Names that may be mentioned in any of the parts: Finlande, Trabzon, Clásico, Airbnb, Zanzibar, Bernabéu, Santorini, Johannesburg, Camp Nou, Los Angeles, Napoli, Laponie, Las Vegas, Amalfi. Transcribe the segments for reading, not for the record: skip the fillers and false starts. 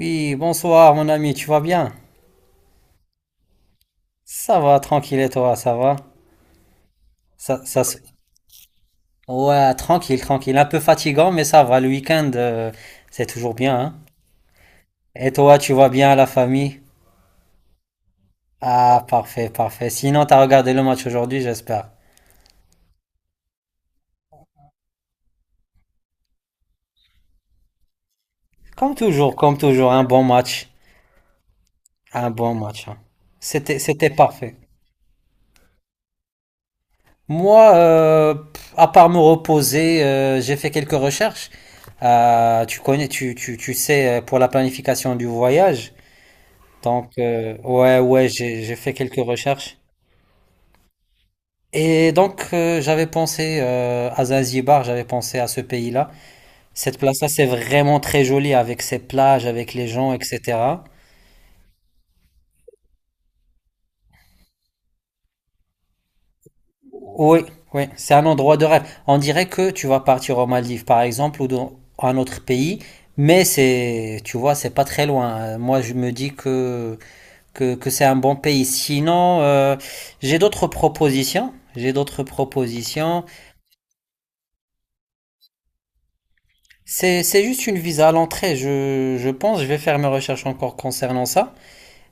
Oui, bonsoir mon ami, tu vas bien? Ça va, tranquille et toi, ça va? Ça, ça se- Ouais, tranquille, tranquille. Un peu fatigant, mais ça va, le week-end, c'est toujours bien, hein? Et toi, tu vas bien, la famille? Ah, parfait, parfait. Sinon, t'as regardé le match aujourd'hui, j'espère. Comme toujours, un bon match. Un bon match, hein. C'était parfait. Moi, pff, à part me reposer, j'ai fait quelques recherches. Tu connais, tu sais, pour la planification du voyage. Donc, ouais, ouais, j'ai fait quelques recherches. Et donc, j'avais pensé à Zanzibar, j'avais pensé à ce pays-là. Cette place-là, c'est vraiment très joli avec ses plages, avec les gens, etc. Oui, oui, c'est un endroit de rêve. On dirait que tu vas partir aux Maldives, par exemple, ou dans un autre pays, mais c'est, tu vois, c'est pas très loin. Moi, je me dis que c'est un bon pays. Sinon, j'ai d'autres propositions. J'ai d'autres propositions. C'est juste une visa à l'entrée, je pense, je vais faire mes recherches encore concernant ça.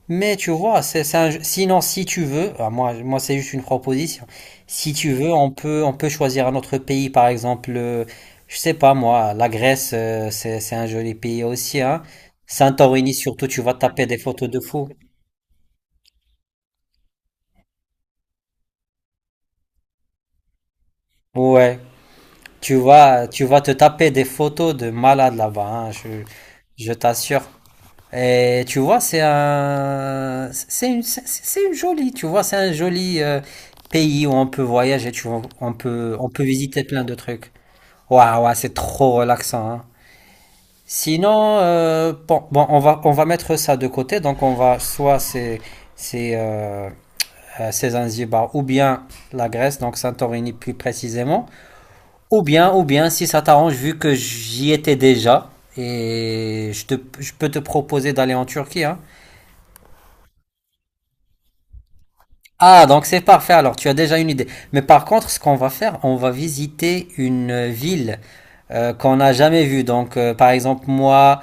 Mais tu vois, sinon si tu veux, ah, moi c'est juste une proposition, si tu veux, on peut choisir un autre pays, par exemple, je sais pas moi, la Grèce, c'est un joli pays aussi, hein. Santorini surtout, tu vas taper des photos de fou. Ouais, tu vas te taper des photos de malades là-bas, hein, je t'assure. Et tu vois, c'est une jolie, tu vois, c'est un joli pays où on peut voyager, tu vois, on peut visiter plein de trucs. Waouh, ouais, c'est trop relaxant, hein. Sinon, bon, on va mettre ça de côté, donc on va, soit c'est, euh, c'est Zanzibar, ou bien la Grèce, donc Santorini plus précisément, ou bien, si ça t'arrange, vu que j'y étais déjà, et je te, je peux te proposer d'aller en Turquie, hein. Ah, donc c'est parfait. Alors, tu as déjà une idée. Mais par contre, ce qu'on va faire, on va visiter une ville qu'on n'a jamais vue. Donc, par exemple, moi,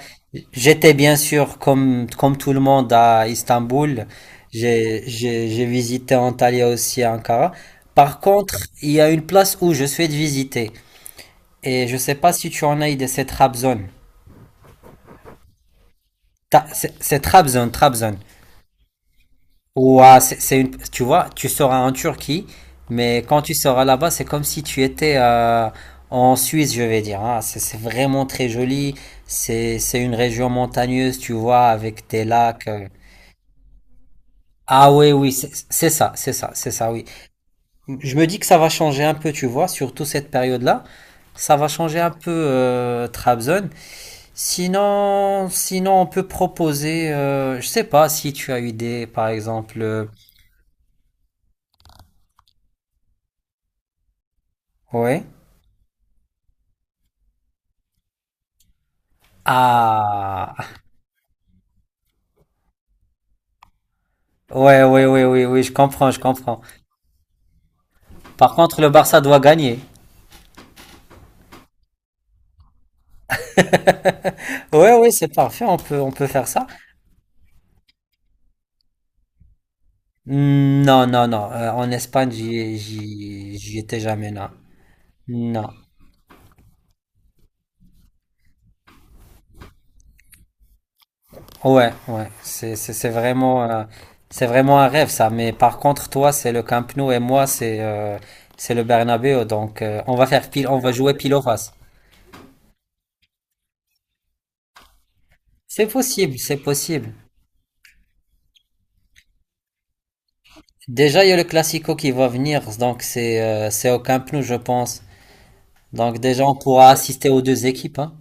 j'étais bien sûr, comme tout le monde, à Istanbul. J'ai visité Antalya aussi à Ankara. Par contre, il y a une place où je souhaite visiter. Et je sais pas si tu en as idée, c'est Trabzon. Trabzon. Ouah, c'est une, tu vois, tu seras en Turquie, mais quand tu seras là-bas, c'est comme si tu étais en Suisse, je vais dire. Hein. C'est vraiment très joli. C'est une région montagneuse, tu vois, avec des lacs. Ah oui, oui, c'est ça, oui. Je me dis que ça va changer un peu, tu vois, surtout cette période-là. Ça va changer un peu Trabzon. Sinon, on peut proposer, je sais pas si tu as eu des, par exemple, ouais. Ah, ouais, oui, oui, je comprends. Par contre, le Barça doit gagner. Ouais, ouais, c'est parfait, on peut faire ça. Hmm, non. En Espagne, j'y étais jamais, non. Non. Ouais, ouais. C'est vraiment un rêve, ça. Mais par contre, toi, c'est le Camp Nou et moi, c'est le Bernabéu. Donc, on va faire pile, on va jouer pile ou face. C'est possible, c'est possible. Déjà, il y a le Classico qui va venir, donc c'est au Camp Nou, je pense. Donc déjà, on pourra assister aux deux équipes. Hein.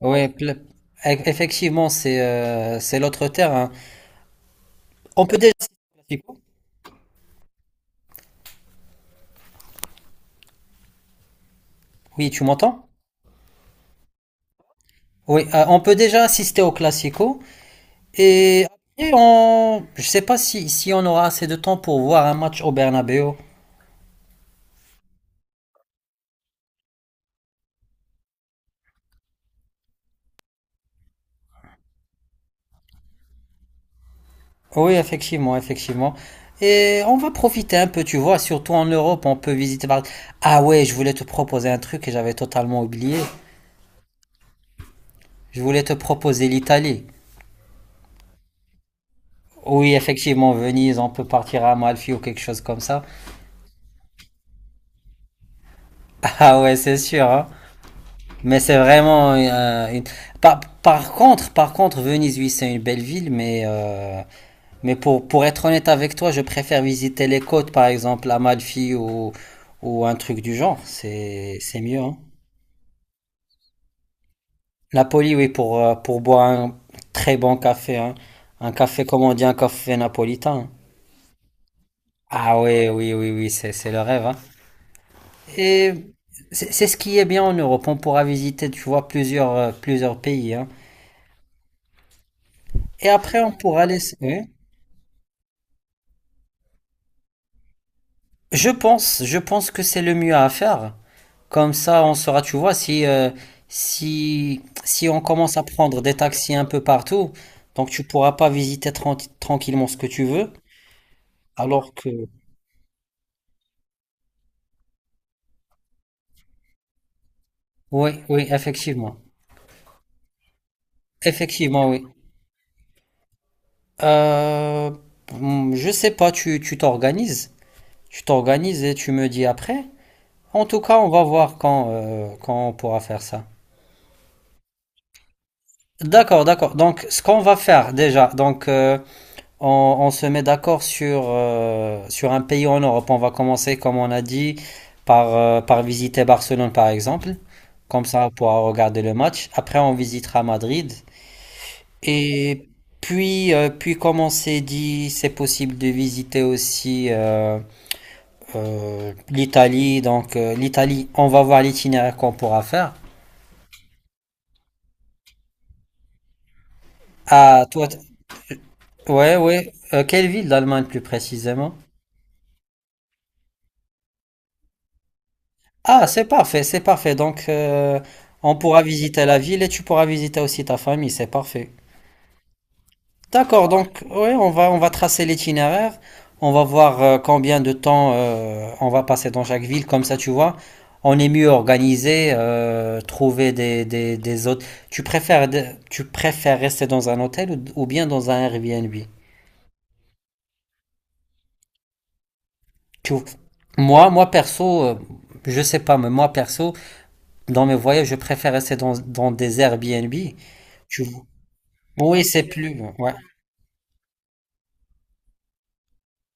Oui, pl- effectivement, c'est l'autre terre. Hein. On peut déjà assister au Classico. Oui, tu m'entends? Oui, on peut déjà assister au Classico. Et après, on... je sais pas si on aura assez de temps pour voir un match au Bernabéu. Oui, effectivement, effectivement. Et on va profiter un peu, tu vois, surtout en Europe, on peut visiter par... Ah ouais, je voulais te proposer un truc et j'avais totalement oublié. Je voulais te proposer l'Italie. Oui, effectivement, Venise, on peut partir à Amalfi ou quelque chose comme ça. Ah ouais, c'est sûr, hein. Mais c'est vraiment une... par contre, Venise, oui, c'est une belle ville, mais pour être honnête avec toi, je préfère visiter les côtes, par exemple, Amalfi ou un truc du genre. C'est mieux, hein. Napoli, oui, pour boire un très bon café, hein. Un café, comment on dit, un café napolitain. Ah oui, oui, oui, oui, c'est le rêve, hein. Et c'est ce qui est bien en Europe. On pourra visiter, tu vois, plusieurs, plusieurs pays. Hein. Et après, on pourra laisser. Oui. Je pense que c'est le mieux à faire. Comme ça, on saura, tu vois, si on commence à prendre des taxis un peu partout, donc tu pourras pas visiter tranquillement ce que tu veux. Alors que. Oui, oui, effectivement. Effectivement, oui. Euh, je sais pas, tu t'organises. Tu t'organises et tu me dis après. En tout cas, on va voir quand, quand on pourra faire ça. D'accord, d'accord. Donc, ce qu'on va faire déjà, donc on se met d'accord sur, sur un pays en Europe. On va commencer, comme on a dit, par, par visiter Barcelone, par exemple. Comme ça, on pourra regarder le match. Après, on visitera Madrid. Et puis, puis comme on s'est dit, c'est possible de visiter aussi l'Italie. Donc, l'Italie, on va voir l'itinéraire qu'on pourra faire. Ah, toi, ouais, ouais. Quelle ville d'Allemagne plus précisément? Ah, c'est parfait, c'est parfait. Donc, on pourra visiter la ville et tu pourras visiter aussi ta famille, c'est parfait. D'accord, donc, ouais, on va tracer l'itinéraire. On va voir combien de temps on va passer dans chaque ville. Comme ça, tu vois, on est mieux organisé. Trouver des, des hôtes. Tu préfères, de- tu préfères rester dans un hôtel ou bien dans un Airbnb? Tu- moi perso, je sais pas, mais moi perso. Dans mes voyages, je préfère rester dans, dans des Airbnb. Tu vois. Oui, c'est plus. Ouais.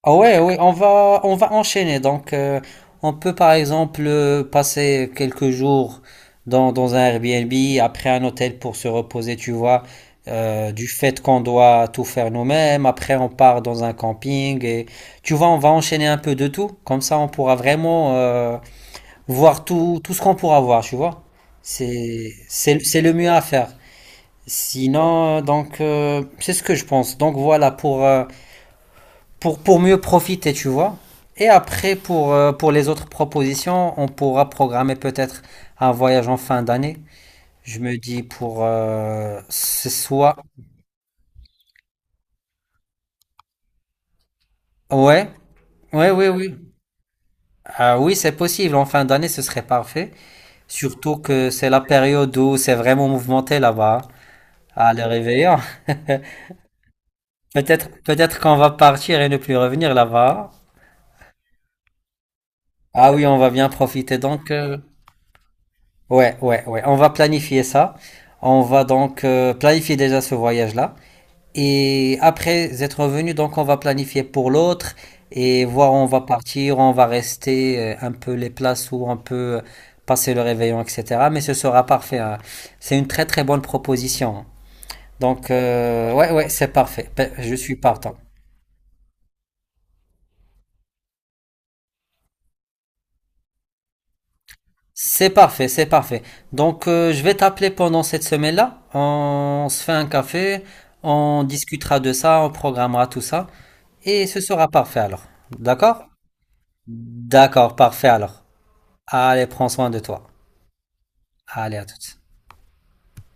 Ah ouais, oui, on va enchaîner. Donc, on peut par exemple passer quelques jours dans, dans un Airbnb, après un hôtel pour se reposer, tu vois, du fait qu'on doit tout faire nous-mêmes. Après, on part dans un camping et tu vois, on va enchaîner un peu de tout. Comme ça, on pourra vraiment voir tout, tout ce qu'on pourra voir, tu vois. C'est le mieux à faire. Sinon, donc, c'est ce que je pense. Donc voilà, pour mieux profiter, tu vois. Et après, pour les autres propositions, on pourra programmer peut-être un voyage en fin d'année. Je me dis pour ce soit... Ouais, ouais, oui, oui. Ah oui, c'est possible. En fin d'année, ce serait parfait. Surtout que c'est la période où c'est vraiment mouvementé là-bas. Hein. À le réveillant. Peut-être, peut-être qu'on va partir et ne plus revenir là-bas. Ah oui, on va bien profiter. Donc, ouais, ouais, ouais. On va planifier ça. On va donc planifier déjà ce voyage-là. Et après être revenu, donc on va planifier pour l'autre et voir où on va partir, où on va rester, un peu les places où on peut passer le réveillon, etc. Mais ce sera parfait. Hein. C'est une très très bonne proposition. Donc, ouais, ouais, c'est parfait. Je suis partant. C'est parfait, c'est parfait. Donc, je vais t'appeler pendant cette semaine-là. On se fait un café, on discutera de ça, on programmera tout ça. Et ce sera parfait alors. D'accord? D'accord, parfait alors. Allez, prends soin de toi. Allez, à toutes.